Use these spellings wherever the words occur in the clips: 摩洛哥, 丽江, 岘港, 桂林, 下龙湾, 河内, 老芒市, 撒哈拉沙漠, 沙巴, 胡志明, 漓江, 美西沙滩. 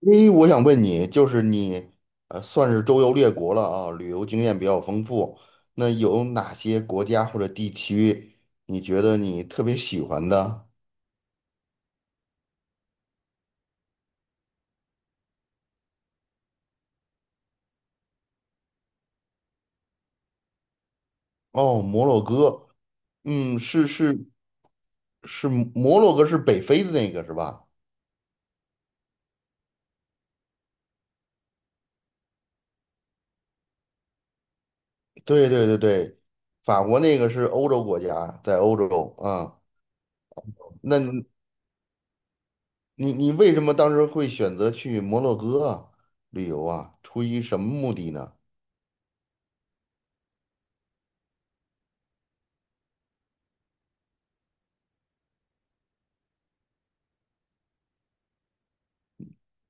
诶，我想问你，就是你，算是周游列国了啊，旅游经验比较丰富。那有哪些国家或者地区，你觉得你特别喜欢的？哦，摩洛哥，嗯，是是是，摩洛哥是北非的那个是吧？对对对对，法国那个是欧洲国家，在欧洲啊。那你为什么当时会选择去摩洛哥啊旅游啊？出于什么目的呢？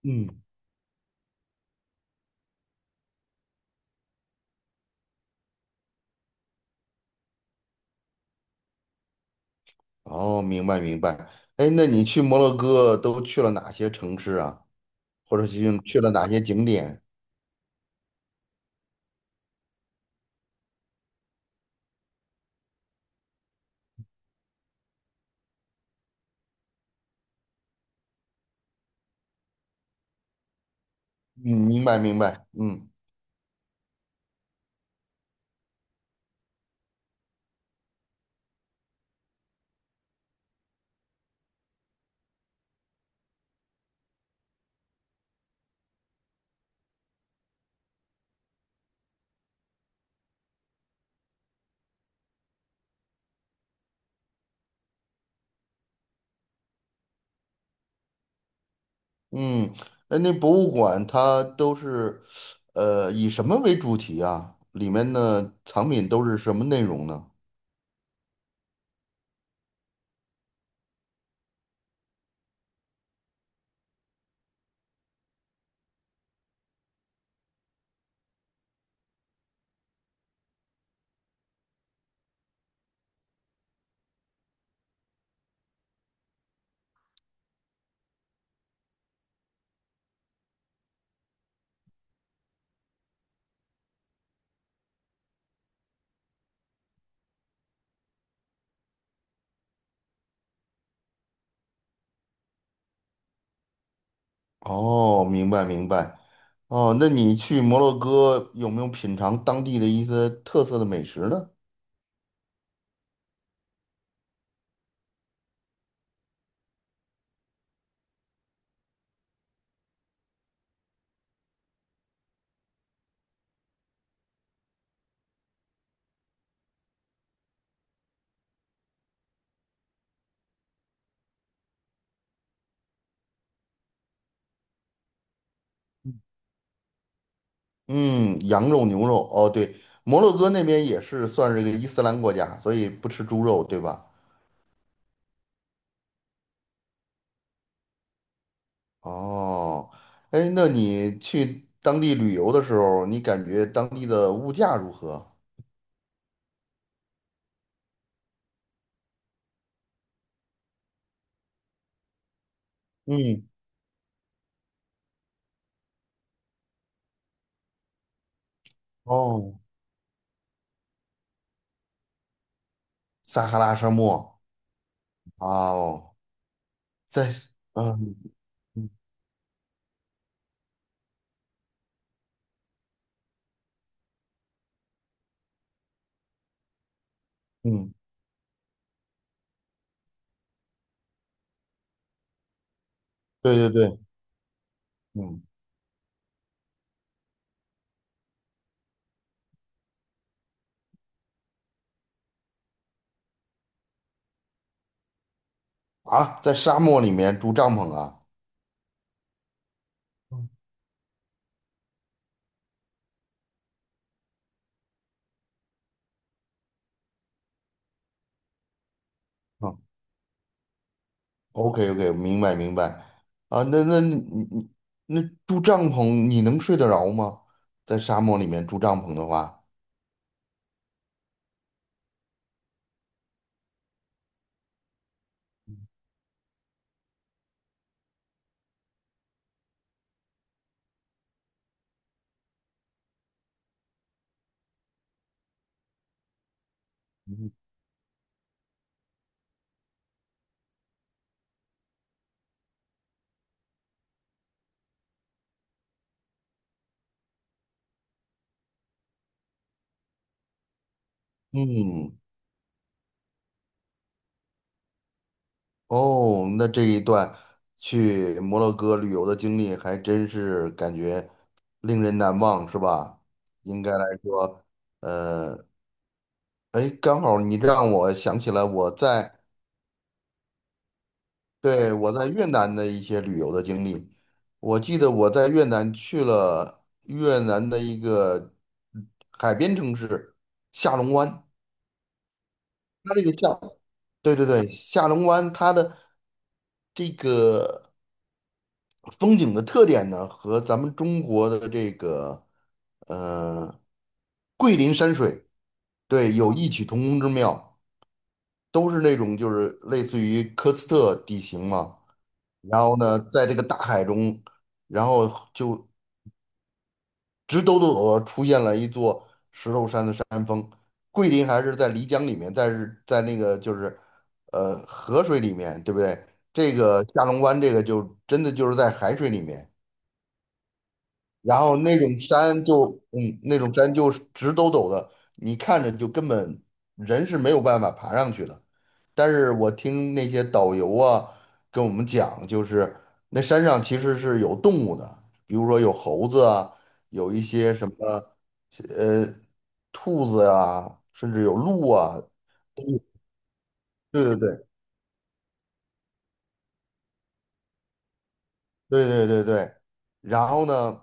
嗯。哦，明白明白。哎，那你去摩洛哥都去了哪些城市啊？或者去了哪些景点？嗯，明白明白。嗯嗯，哎，那博物馆它都是，以什么为主题啊？里面的藏品都是什么内容呢？哦，明白明白。哦，那你去摩洛哥有没有品尝当地的一些特色的美食呢？嗯，羊肉、牛肉，哦，对，摩洛哥那边也是算是个伊斯兰国家，所以不吃猪肉，对吧？哦，哎，那你去当地旅游的时候，你感觉当地的物价如何？嗯，哦，撒哈拉沙漠，哦，在，嗯嗯，嗯，对对对，嗯，啊，在沙漠里面住帐篷啊，嗯 OK OK，明白明白。啊，那你那住帐篷，你能睡得着吗？在沙漠里面住帐篷的话，嗯，哦，那这一段去摩洛哥旅游的经历还真是感觉令人难忘，是吧？应该来说，呃，哎，刚好你让我想起来我在。对，我在越南的一些旅游的经历，我记得我在越南去了越南的一个海边城市下龙湾，它这个下，对对对，下龙湾它的这个风景的特点呢，和咱们中国的这个呃桂林山水，对，有异曲同工之妙，都是那种就是类似于科斯特地形嘛，然后呢，在这个大海中。然后就直抖抖地出现了一座石头山的山。桂林还是在漓江里面，但是在那个就是河水里面，对不对？这个下龙湾这个就真的就是在海水里面，然后那种山就是直抖抖的，你看着就根本人是没有办法爬上去的。但是我听那些导游啊跟我们讲，就是那山上其实是有动物的，比如说有猴子啊，有一些什么呃兔子啊，甚至有鹿啊。对对对对对对对对。然后呢，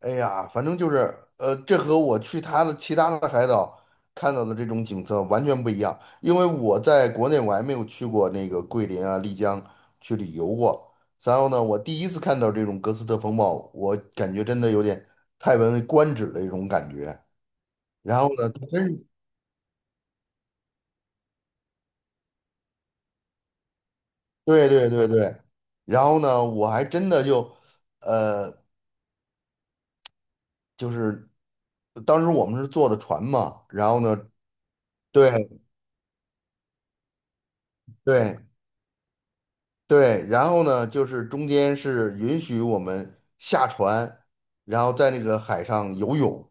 哎呀，反正就是，这和我去他的其他的海岛看到的这种景色完全不一样，因为我在国内我还没有去过那个桂林啊、丽江去旅游过。然后呢，我第一次看到这种格斯特风暴，我感觉真的有点叹为观止的一种感觉。然后呢，真是对对对对，然后呢，我还真的就，呃，就是当时我们是坐的船嘛，然后呢，对对，对，然后呢，就是中间是允许我们下船，然后在那个海上游泳。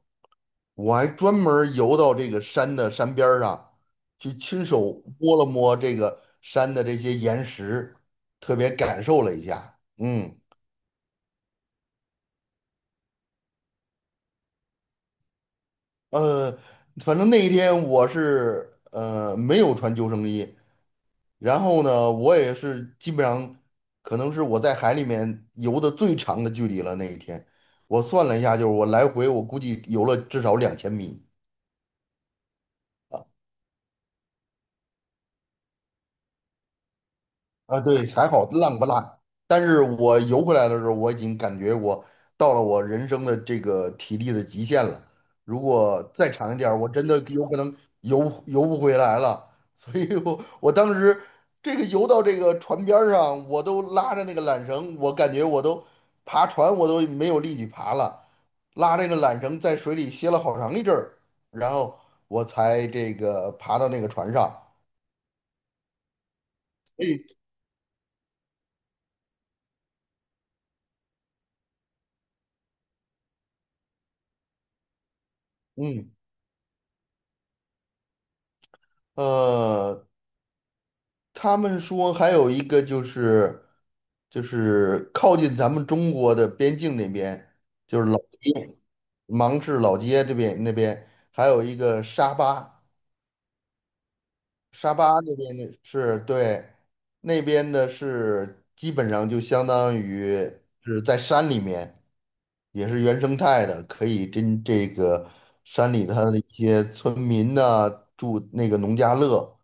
我还专门儿游到这个山的山边儿上，去亲手摸了摸这个山的这些岩石，特别感受了一下。嗯，呃，反正那一天我是没有穿救生衣，然后呢，我也是基本上可能是我在海里面游的最长的距离了。那一天，我算了一下，就是我来回我估计游了至少2000米。啊，对，还好浪不烂。但是我游回来的时候，我已经感觉我到了我人生的这个体力的极限了。如果再长一点儿我真的有可能游游不回来了。所以我当时这个游到这个船边儿上，我都拉着那个缆绳，我感觉我都爬船我都没有力气爬了，拉这个缆绳在水里歇了好长一阵儿，然后我才这个爬到那个船上。哎，嗯，呃。他们说还有一个就是靠近咱们中国的边境那边，就是老芒市老街这边那边，还有一个沙巴，沙巴那边的是对，那边的是基本上就相当于是在山里面，也是原生态的，可以跟这个山里它的一些村民呢、住那个农家乐，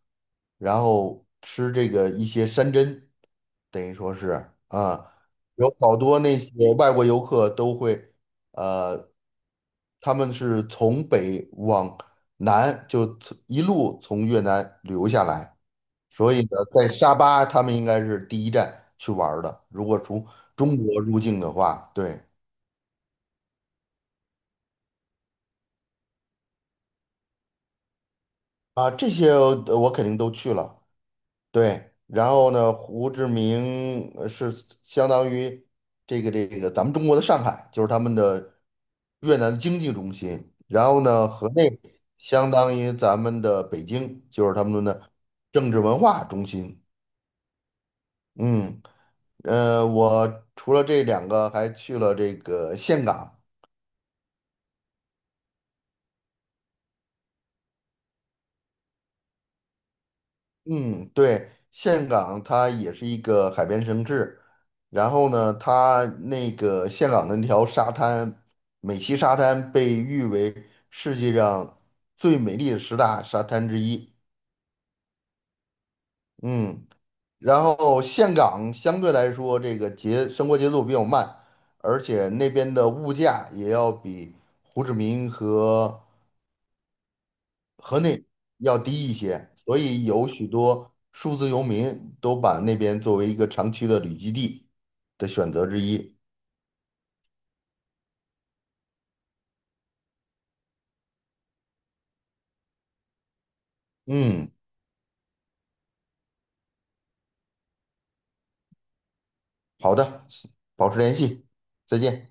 然后吃这个一些山珍。等于说是啊，有好多那些外国游客都会，呃，他们是从北往南就从一路从越南旅游下来，所以呢，在沙巴他们应该是第一站去玩儿的。如果从中国入境的话，对啊，这些我肯定都去了。对，然后呢，胡志明是相当于这个咱们中国的上海，就是他们的越南的经济中心。然后呢，河内相当于咱们的北京，就是他们的政治文化中心。嗯，我除了这两个，还去了这个岘港。嗯，对，岘港它也是一个海边城市，然后呢，它那个岘港的那条沙滩，美西沙滩被誉为世界上最美丽的十大沙滩之一。嗯，然后岘港相对来说这个生活节奏比较慢，而且那边的物价也要比胡志明和河内要低一些，所以有许多数字游民都把那边作为一个长期的旅居地的选择之一。嗯，好的，保持联系，再见。